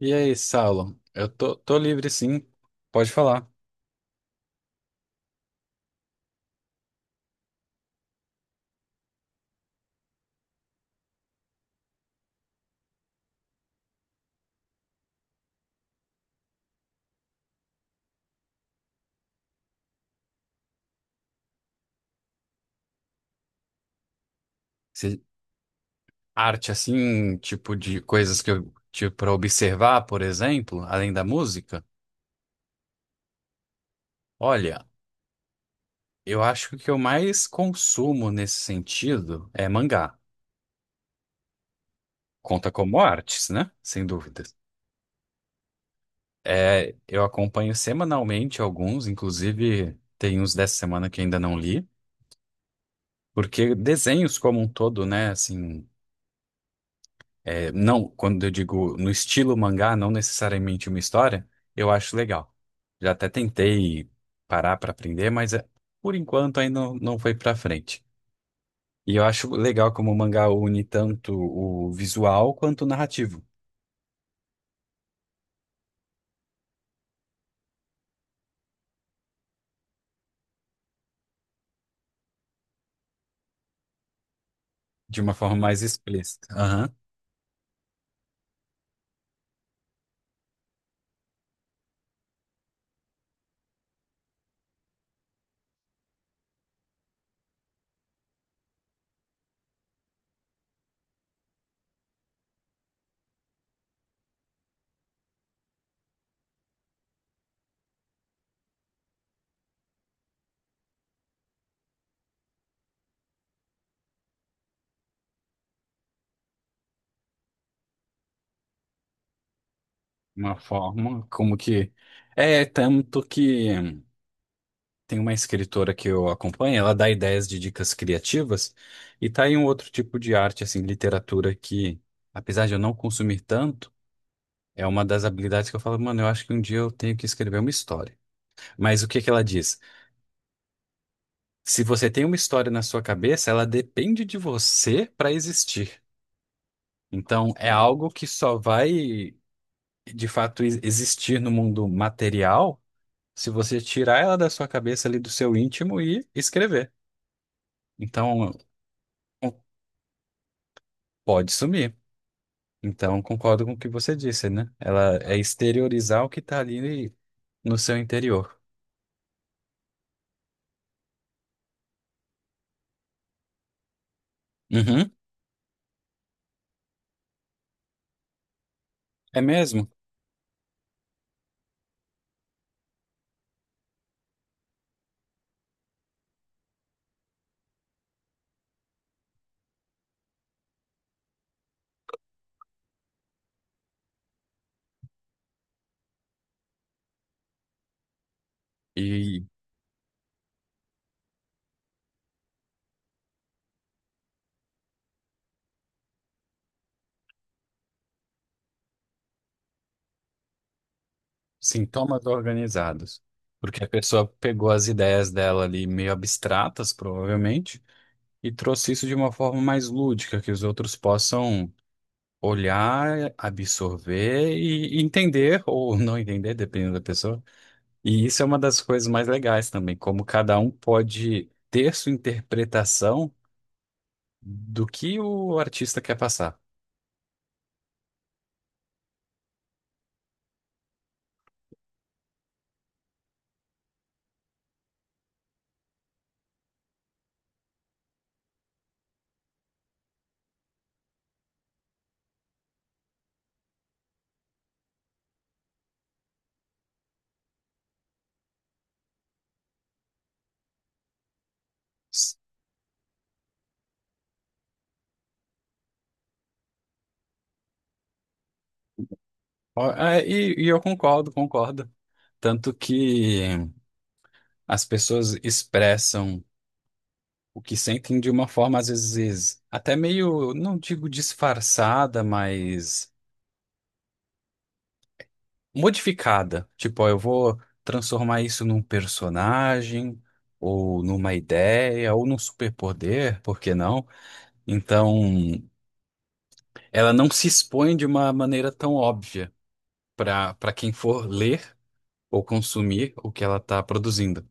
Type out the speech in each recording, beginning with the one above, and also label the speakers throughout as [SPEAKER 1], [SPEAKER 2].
[SPEAKER 1] E aí, Saulo? Eu tô livre, sim. Pode falar. Se- Arte, assim, tipo de coisas que eu tive para observar, por exemplo, além da música. Olha, eu acho que o que eu mais consumo nesse sentido é mangá. Conta como artes, né? Sem dúvidas. É, eu acompanho semanalmente alguns, inclusive tem uns dessa semana que ainda não li, porque desenhos como um todo, né? Assim. É, não, quando eu digo no estilo mangá, não necessariamente uma história, eu acho legal. Já até tentei parar para aprender, mas é, por enquanto ainda não, foi para frente. E eu acho legal como o mangá une tanto o visual quanto o narrativo, de uma forma mais explícita. Aham. Uma forma como que. É tanto que. Tem uma escritora que eu acompanho, ela dá ideias de dicas criativas e tá aí um outro tipo de arte, assim, literatura que, apesar de eu não consumir tanto, é uma das habilidades que eu falo, mano, eu acho que um dia eu tenho que escrever uma história. Mas o que que ela diz? Se você tem uma história na sua cabeça, ela depende de você para existir. Então, é algo que só vai, de fato, existir no mundo material se você tirar ela da sua cabeça ali do seu íntimo e escrever. Então, pode sumir. Então, concordo com o que você disse, né? Ela é exteriorizar o que tá ali no seu interior. Uhum, é mesmo. E sintomas organizados. Porque a pessoa pegou as ideias dela ali meio abstratas, provavelmente, e trouxe isso de uma forma mais lúdica, que os outros possam olhar, absorver e entender, ou não entender, dependendo da pessoa. E isso é uma das coisas mais legais também, como cada um pode ter sua interpretação do que o artista quer passar. S- e eu concordo, concordo. Tanto que as pessoas expressam o que sentem de uma forma, às vezes, até meio, não digo disfarçada, mas modificada. Tipo, ó, eu vou transformar isso num personagem, ou numa ideia, ou num superpoder, por que não? Então, ela não se expõe de uma maneira tão óbvia para quem for ler ou consumir o que ela está produzindo.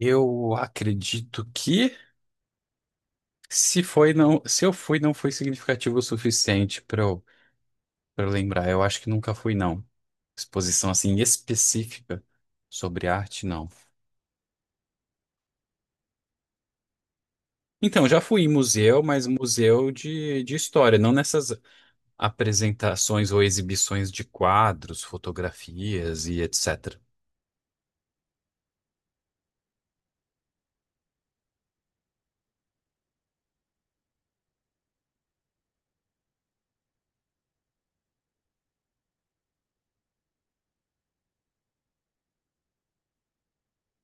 [SPEAKER 1] Eu acredito que se foi não, se eu fui não foi significativo o suficiente para eu lembrar. Eu acho que nunca fui não. Exposição assim específica sobre arte, não. Então, já fui em museu, mas museu de história, não nessas apresentações ou exibições de quadros, fotografias e etc.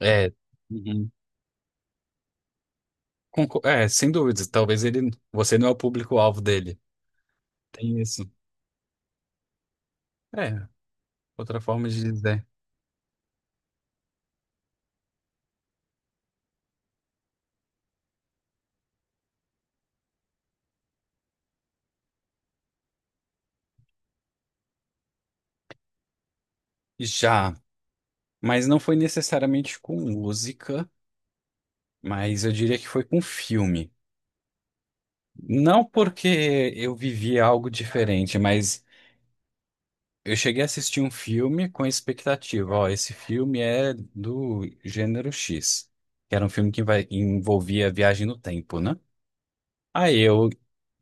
[SPEAKER 1] É. Uhum. É, sem dúvidas. Talvez ele, você não é o público-alvo dele. Tem isso. É, outra forma de dizer. Já, mas não foi necessariamente com música, mas eu diria que foi com filme. Não porque eu vivi algo diferente, mas eu cheguei a assistir um filme com expectativa. Ó, esse filme é do gênero X, que era um filme que envolvia viagem no tempo, né? Aí eu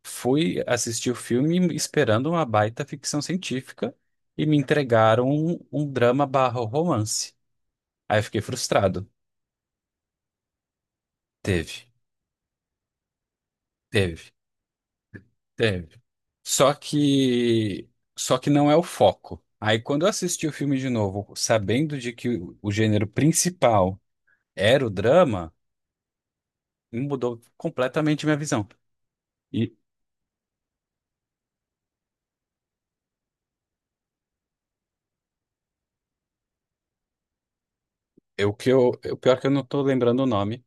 [SPEAKER 1] fui assistir o filme esperando uma baita ficção científica e me entregaram um drama barra romance. Aí eu fiquei frustrado. Teve, teve, teve. Só que, só que não é o foco. Aí quando eu assisti o filme de novo, sabendo de que o gênero principal era o drama, mudou completamente minha visão. E o pior que eu não tô lembrando o nome.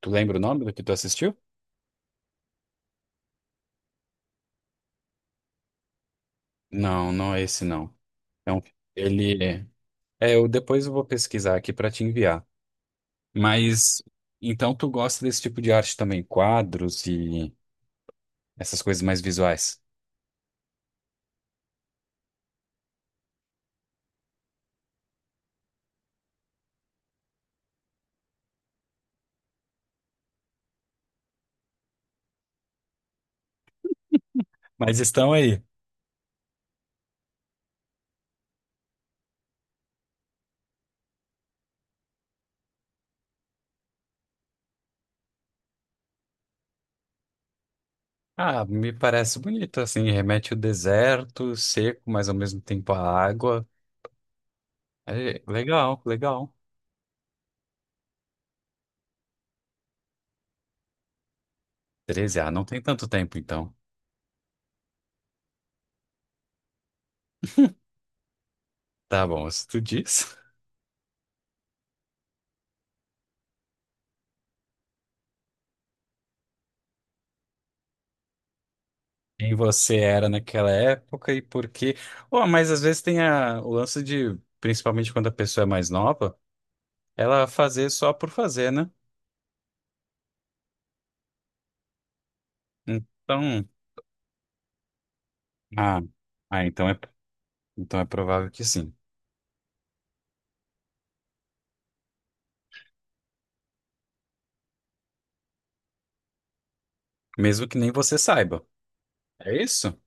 [SPEAKER 1] Tu lembra o nome do que tu assistiu? Não, não é esse não. É um, ele eu depois eu vou pesquisar aqui para te enviar. Mas então tu gosta desse tipo de arte também, quadros e essas coisas mais visuais. Mas estão aí. Ah, me parece bonito, assim, remete ao deserto, seco, mas ao mesmo tempo a água. É, legal, legal. Treze, ah, não tem tanto tempo então. Tá bom, se tu diz. Quem você era naquela época e por quê. Oh, mas às vezes tem a, o lance de, principalmente quando a pessoa é mais nova, ela fazer só por fazer, né? Então, ah, ah, então é provável que sim. Mesmo que nem você saiba. É isso?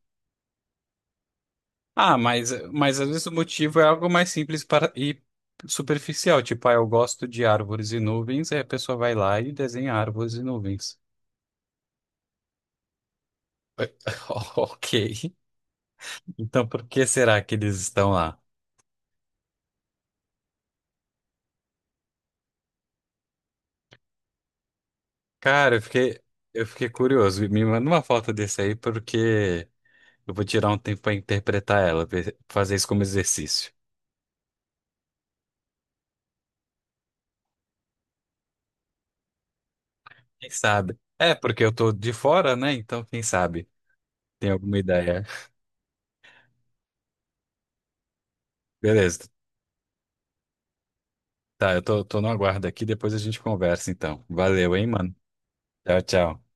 [SPEAKER 1] Ah, mas às vezes o motivo é algo mais simples para, e superficial. Tipo, ah, eu gosto de árvores e nuvens, aí a pessoa vai lá e desenha árvores e nuvens. Ok. Então por que será que eles estão lá? Cara, eu fiquei curioso. Me manda uma foto desse aí, porque eu vou tirar um tempo para interpretar ela, fazer isso como exercício. Quem sabe? É, porque eu tô de fora, né? Então, quem sabe? Tem alguma ideia. Beleza. Tá, eu tô no aguardo aqui, depois a gente conversa, então. Valeu, hein, mano? Tchau, tchau.